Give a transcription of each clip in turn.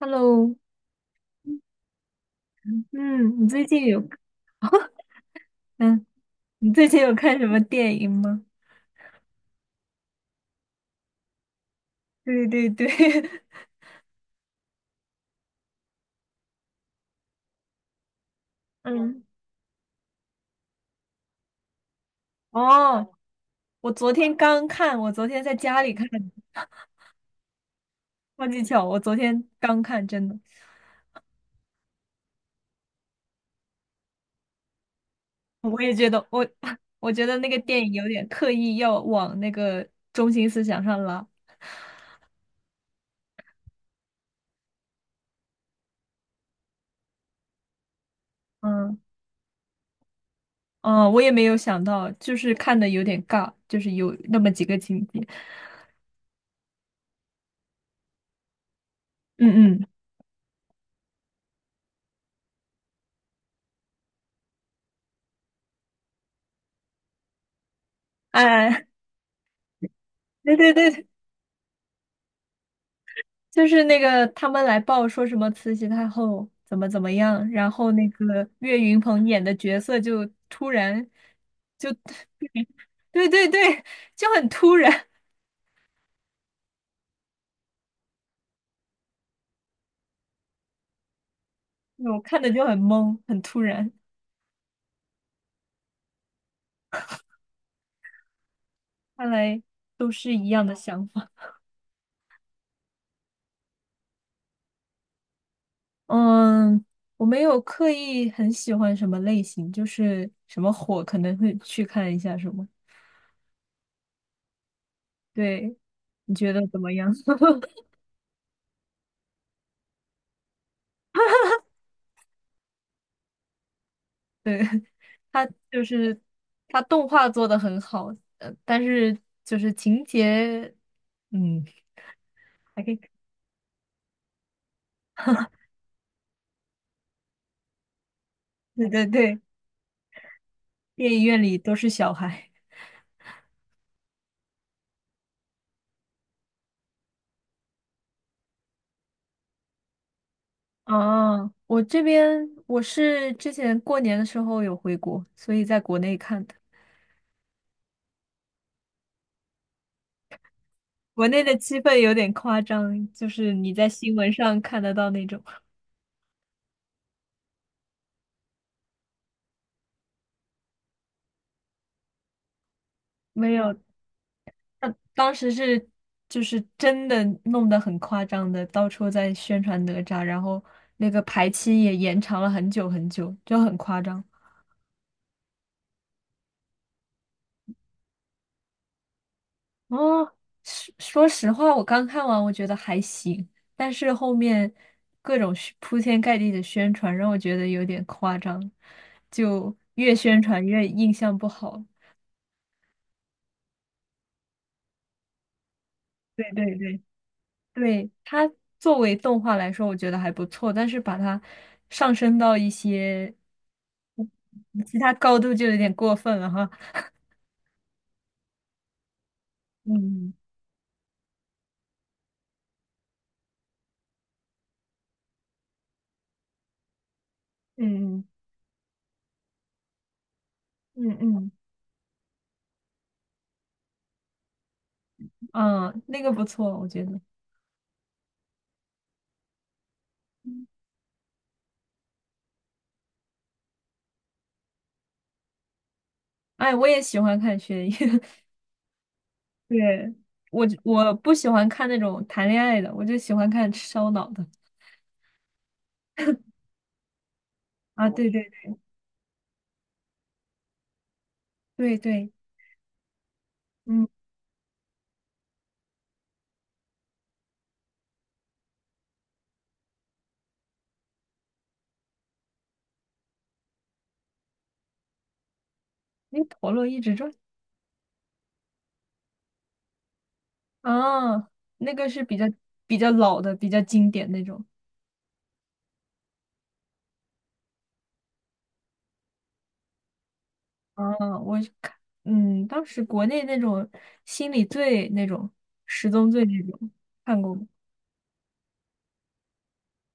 Hello，嗯，你最近有嗯，你最近有看什么电影吗？对对对，嗯，哦，我昨天刚看，我昨天在家里看的，超级巧，我昨天刚看，真的，我也觉得我 我觉得那个电影有点刻意要往那个中心思想上拉，嗯，哦，我也没有想到，就是看的有点尬，就是有那么几个情节，嗯嗯，哎，对对对，就是那个他们来报说什么慈禧太后怎么怎么样，然后那个岳云鹏演的角色就突然就，对对对，就很突然，我看的就很懵，很突然。看来都是一样的想法。嗯，我没有刻意很喜欢什么类型，就是什么火可能会去看一下什么。对，你觉得怎么样？对。它就是它动画做的很好，但是就是情节，嗯，还可以。对对对，电影院里都是小孩。啊，我这边我是之前过年的时候有回国，所以在国内看的。国内的气氛有点夸张，就是你在新闻上看得到那种。没有，那当时是就是真的弄得很夸张的，到处在宣传哪吒，然后那个排期也延长了很久很久，就很夸张。哦，说实话，我刚看完我觉得还行，但是后面各种宣铺天盖地的宣传让我觉得有点夸张，就越宣传越印象不好。对对对。对，它作为动画来说，我觉得还不错，但是把它上升到一些嗯其他高度就有点过分了哈。嗯嗯嗯嗯嗯。那个不错，我觉得。哎，我也喜欢看悬疑，对，我不喜欢看那种谈恋爱的，我就喜欢看烧脑的。啊，对对对对，嗯，那陀螺一直转啊，那个是比较老的，比较经典那种。啊，我是看，当时国内那种心理罪那种十宗罪那种看过吗？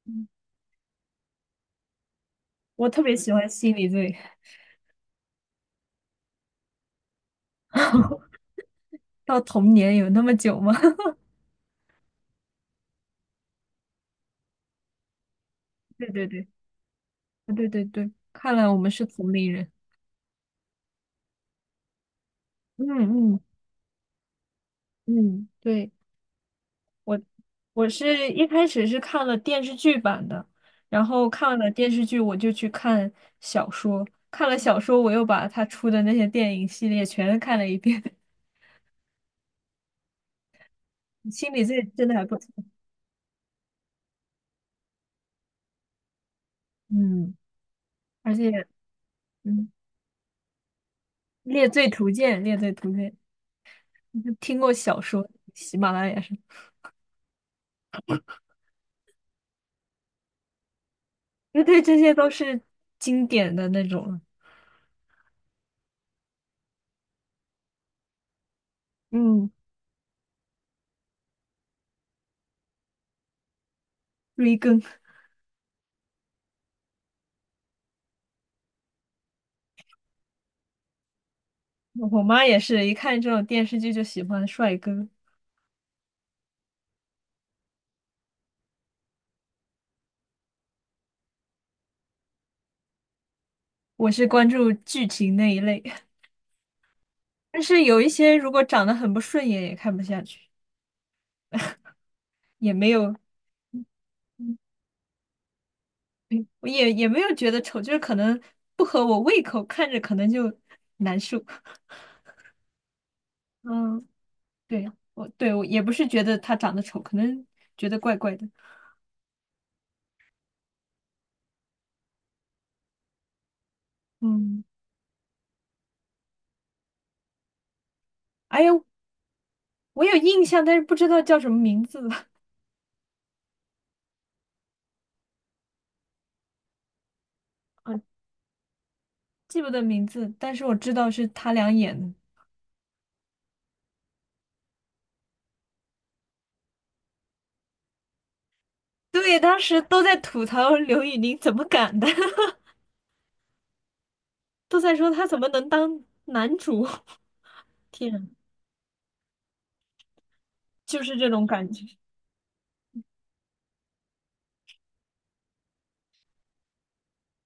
嗯我特别喜欢心理罪，到童年有那么久吗？对对对，对对对，看来我们是同龄人。嗯嗯嗯，对，我是一开始是看了电视剧版的，然后看了电视剧我就去看小说，看了小说我又把他出的那些电影系列全看了一遍，心理罪真的还不错。嗯。而且，嗯，《猎罪图鉴》，听过小说，喜马拉雅上，因为对这些都是经典的那种了嗯，追更。我妈也是一看这种电视剧就喜欢帅哥，我是关注剧情那一类，但是有一些如果长得很不顺眼也看不下去，也没有，嗯，对，我也没有觉得丑，就是可能不合我胃口，看着可能就难受。嗯。对，我对我也不是觉得他长得丑，可能觉得怪怪的。嗯，哎呦，我有印象，但是不知道叫什么名字了，嗯记不得名字，但是我知道是他俩演的。对，当时都在吐槽刘宇宁怎么敢的，都在说他怎么能当男主。天啊，就是这种感觉，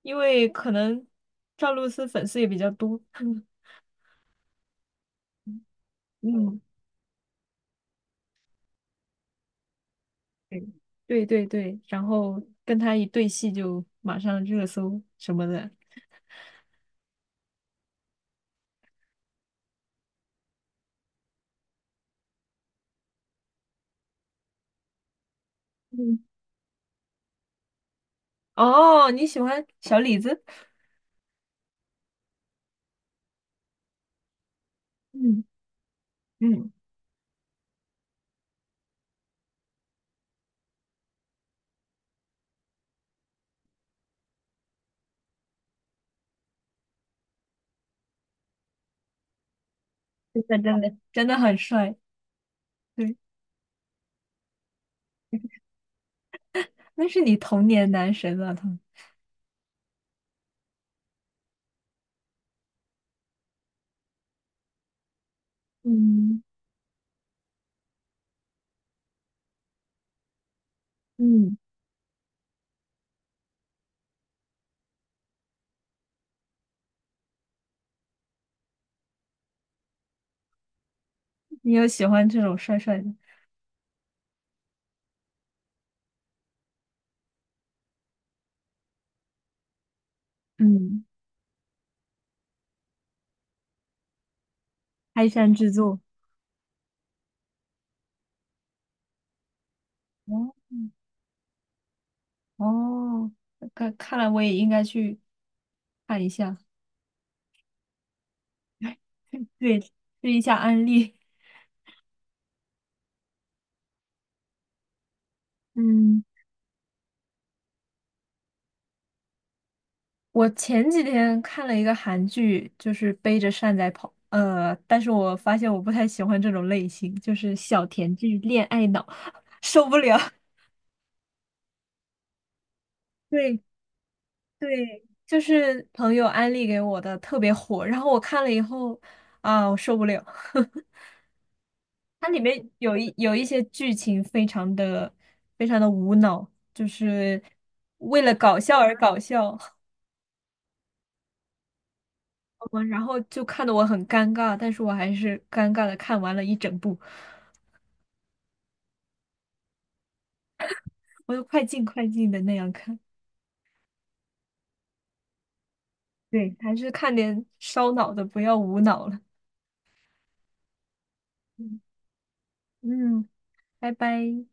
因为可能赵露思粉丝也比较多。嗯，对对对对，然后跟他一对戏就马上热搜什么的。嗯，哦，你喜欢小李子？嗯嗯，真的真的，真的很帅，对，那是你童年男神了，他。嗯嗯，你有喜欢这种帅帅的？嗯，开山之作，哦哦，看来我也应该去看一下，对，试一下安利。嗯我前几天看了一个韩剧，就是背着扇在跑，但是我发现我不太喜欢这种类型，就是小甜剧、恋爱脑受不了。对对，就是朋友安利给我的，特别火。然后我看了以后，啊，我受不了。它里面有一些剧情非常的无脑，就是为了搞笑而搞笑，嗯，然后就看得我很尴尬，但是我还是尴尬的看完了一整部，我就快进快进的那样看。对，还是看点烧脑的，不要无脑了。嗯嗯，拜拜。